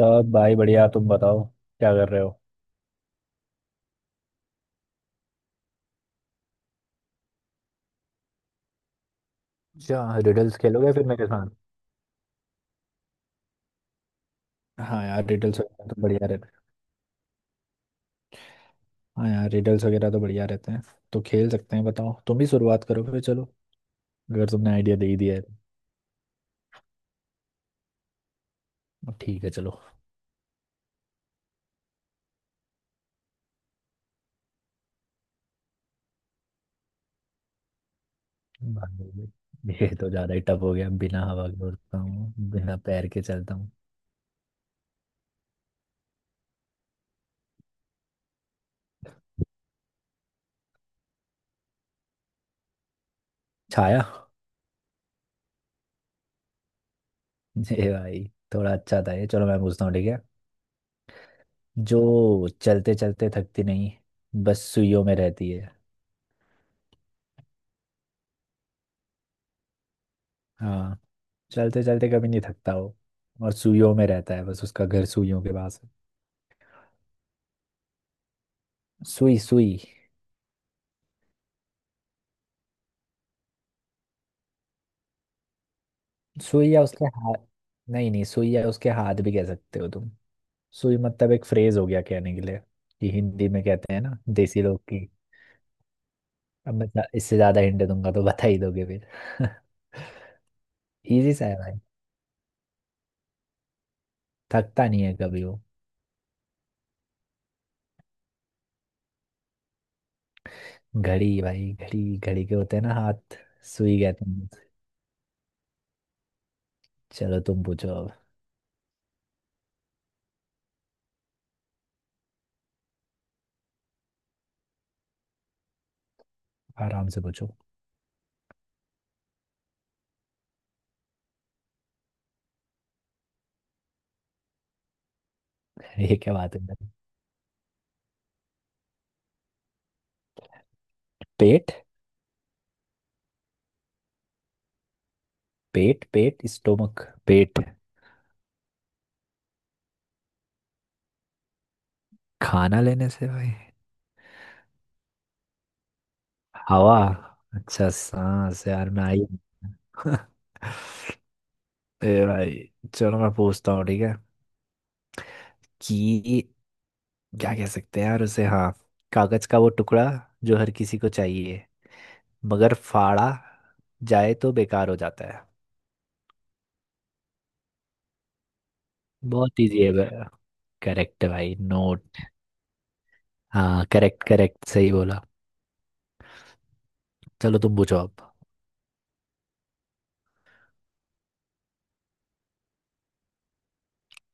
सब भाई बढ़िया। तुम बताओ क्या कर रहे हो। अच्छा, रिडल्स खेलोगे फिर मेरे साथ। हाँ यार, रिडल्स वगैरह तो बढ़िया रहते हैं। हाँ यार रिडल्स वगैरह तो बढ़िया रहते हैं तो खेल सकते हैं। बताओ, तुम ही शुरुआत करो फिर, चलो, अगर तुमने आइडिया दे ही दिया है तो। ठीक है, चलो। भाई, ये तो ज़्यादा ही टफ हो गया। बिना हवा के उड़ता हूँ, बिना पैर के चलता हूँ। छाया। ये भाई थोड़ा अच्छा था। ये चलो, मैं पूछता हूँ, ठीक है। जो चलते चलते थकती नहीं, बस सुइयों में रहती है। हाँ, चलते चलते कभी नहीं थकता हो और सुइयों में रहता है। बस उसका घर सुइयों के पास है। सुई सुई। सुई या उसके हाथ। नहीं नहीं, सुई या उसके हाथ भी कह सकते हो तुम। सुई मतलब एक फ्रेज हो गया कहने के लिए कि हिंदी में कहते हैं ना, देसी लोग की। अब मैं इससे ज्यादा हिंट दूंगा तो बता ही दोगे फिर। इजी सा है भाई। थकता नहीं है कभी वो। घड़ी भाई, घड़ी। घड़ी के होते हैं ना हाथ, सुई कहते हैं। चलो तुम पूछो अब। आराम से पूछो। ये क्या बात है भाई? पेट पेट पेट स्टोमक। पेट। खाना लेने से भाई। हवा। अच्छा सांस, यार मैं आई हूँ। ए भाई, चलो मैं पूछता हूँ, ठीक है कि क्या कह सकते हैं यार उसे, हाँ, कागज का वो टुकड़ा जो हर किसी को चाहिए, मगर फाड़ा जाए तो बेकार हो जाता है। बहुत इजी है भाई। करेक्ट भाई, नोट। हाँ करेक्ट करेक्ट, सही बोला। चलो तुम पूछो अब।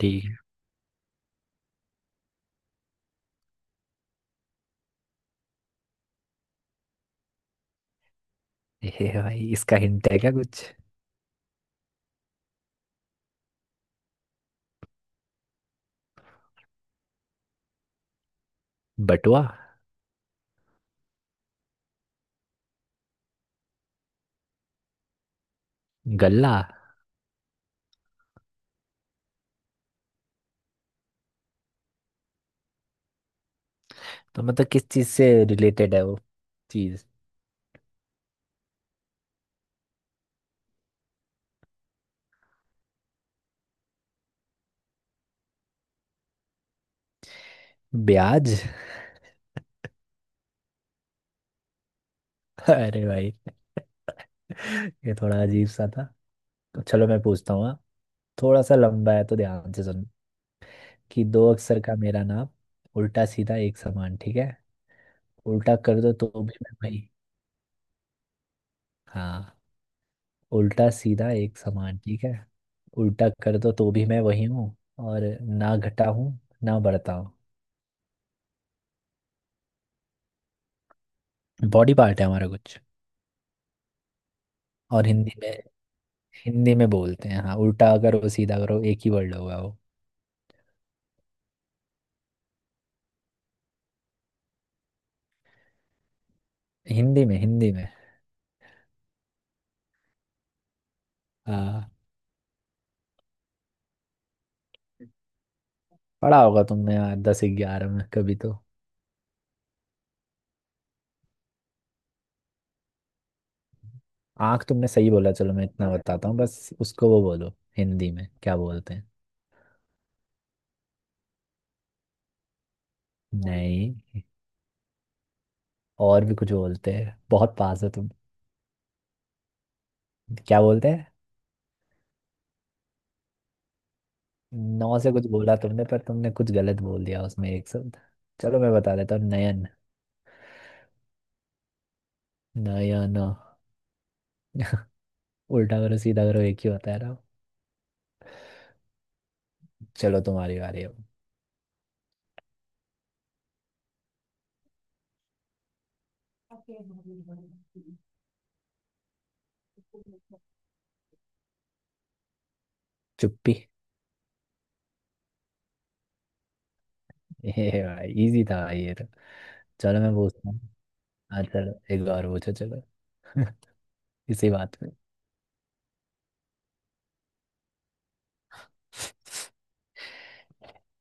ठीक है। ए भाई, इसका हिंट है क्या कुछ? बटुआ। गल्ला। तो मतलब किस चीज से रिलेटेड है वो चीज? ब्याज। अरे भाई। ये थोड़ा अजीब सा था। तो चलो मैं पूछता हूँ, हाँ। थोड़ा सा लंबा है तो ध्यान से सुन, कि दो अक्षर का मेरा नाम, उल्टा सीधा एक समान, ठीक है, उल्टा कर दो तो भी मैं वही। हाँ, उल्टा सीधा एक समान, ठीक है, उल्टा कर दो तो भी मैं वही हूँ, और ना घटा हूँ ना बढ़ता हूँ। बॉडी पार्ट है हमारा कुछ। और हिंदी में, हिंदी में बोलते हैं। हाँ, उल्टा करो सीधा करो, एक ही वर्ड होगा वो। हिंदी में, हिंदी में। हाँ, पढ़ा होगा तुमने यार दस ग्यारह में कभी तो। आँख तुमने सही बोला। चलो, मैं इतना बताता हूँ बस, उसको वो बोलो हिंदी में क्या बोलते हैं। नहीं। और भी कुछ बोलते हैं, बहुत पास हो तुम। क्या बोलते हैं? नौ से कुछ बोला तुमने पर तुमने कुछ गलत बोल दिया उसमें एक शब्द। चलो मैं बता देता हूँ, नयन। नयन। उल्टा करो सीधा करो एक ही होता है ना। चलो तुम्हारी बारी अब। चुप्पी। ये भाई इजी था भाई ये तो। चलो मैं पूछता हूँ। हाँ चलो, एक बार पूछो, चलो। इसी बात पे।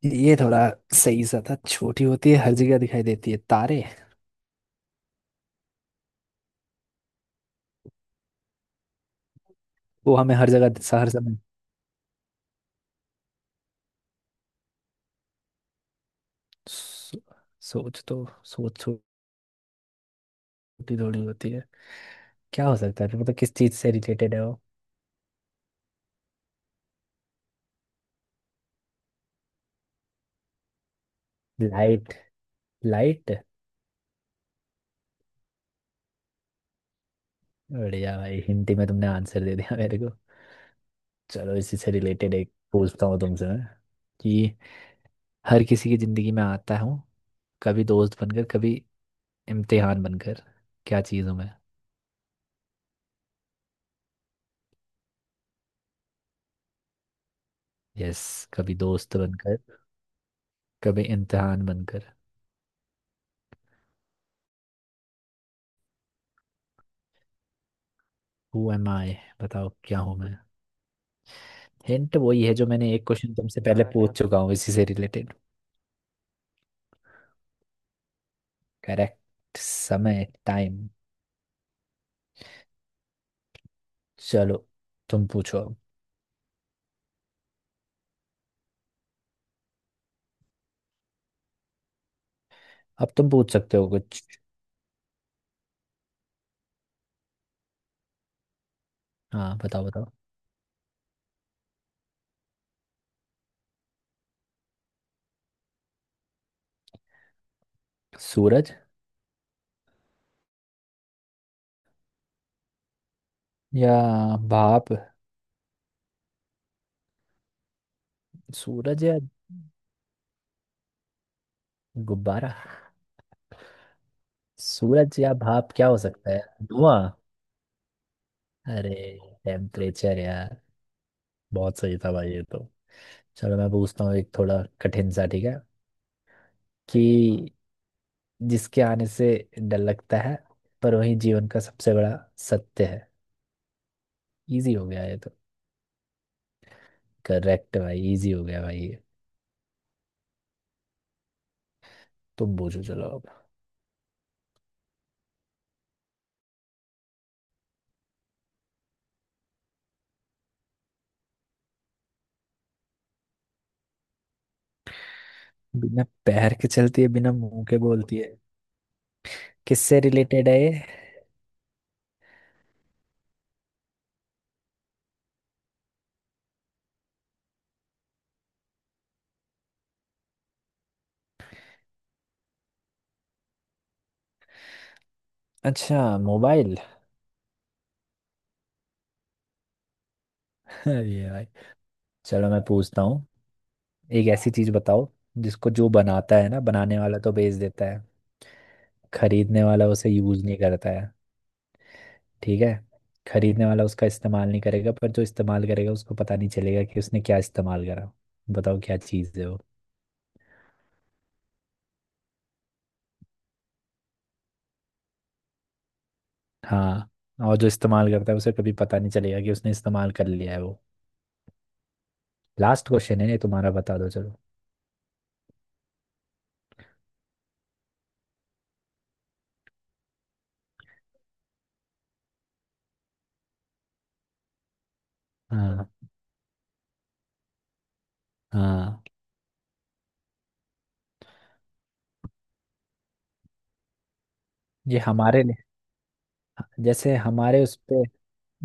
ये थोड़ा सही सा था। छोटी होती है हर जगह दिखाई देती है, तारे। वो हमें हर जगह हर समय। सो, सोच तो, सोच। छोटी थोड़ी होती है। क्या हो सकता है फिर? मतलब किस चीज से रिलेटेड है वो? लाइट। लाइट। बढ़िया भाई, हिंदी में तुमने आंसर दे दिया मेरे को। चलो, इसी से रिलेटेड एक पूछता हूँ तुमसे मैं, कि हर किसी की जिंदगी में आता हूँ, कभी दोस्त बनकर कभी इम्तिहान बनकर, क्या चीज़ हूँ मैं? यस। कभी दोस्त बनकर कभी इम्तिहान बनकर। Who am I? बताओ क्या हूँ मैं। हिंट वही है जो मैंने एक क्वेश्चन तुमसे पहले पूछ चुका हूँ, इसी से रिलेटेड। करेक्ट, समय, टाइम। चलो तुम पूछो अब। अब तुम पूछ सकते हो कुछ। हाँ बताओ बताओ। सूरज या भाप। सूरज या गुब्बारा। सूरज या भाप, क्या हो सकता है? धुआं। अरे, टेम्परेचर यार। बहुत सही था भाई ये तो। चलो मैं पूछता हूँ एक थोड़ा कठिन सा, ठीक है, कि जिसके आने से डर लगता है पर वही जीवन का सबसे बड़ा सत्य है। इजी हो गया ये तो। करेक्ट भाई, इजी हो गया भाई ये। तुम पूछो चलो अब। बिना पैर के चलती है बिना मुंह के बोलती है। किससे रिलेटेड है ये? अच्छा, मोबाइल। ये भाई, चलो मैं पूछता हूँ। एक ऐसी चीज बताओ जिसको, जो बनाता है ना, बनाने वाला तो बेच देता है, खरीदने वाला उसे यूज नहीं करता है, ठीक है, खरीदने वाला उसका इस्तेमाल नहीं करेगा, पर जो इस्तेमाल करेगा उसको पता नहीं चलेगा कि उसने क्या इस्तेमाल करा। बताओ क्या चीज़ है वो। हाँ। और जो इस्तेमाल करता है उसे कभी पता नहीं चलेगा कि उसने इस्तेमाल कर लिया है वो। लास्ट क्वेश्चन है ये तुम्हारा, बता दो चलो। हाँ। हाँ। ये हमारे लिए, जैसे हमारे उस पे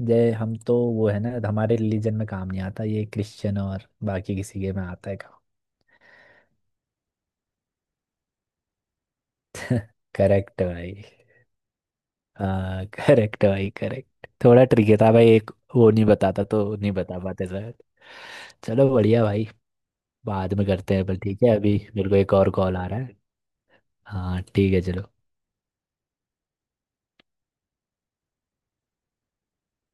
जय, हम तो वो है ना, हमारे रिलीजन में काम नहीं आता ये, क्रिश्चियन और बाकी किसी के में आता है काम। करेक्ट भाई। हाँ करेक्ट भाई करेक्ट, थोड़ा ट्रिकी था भाई एक वो नहीं बताता तो नहीं बता पाते शायद। चलो बढ़िया भाई। बाद में करते हैं, पर ठीक है, अभी मेरे को एक और कॉल आ रहा है। हाँ ठीक है, चलो।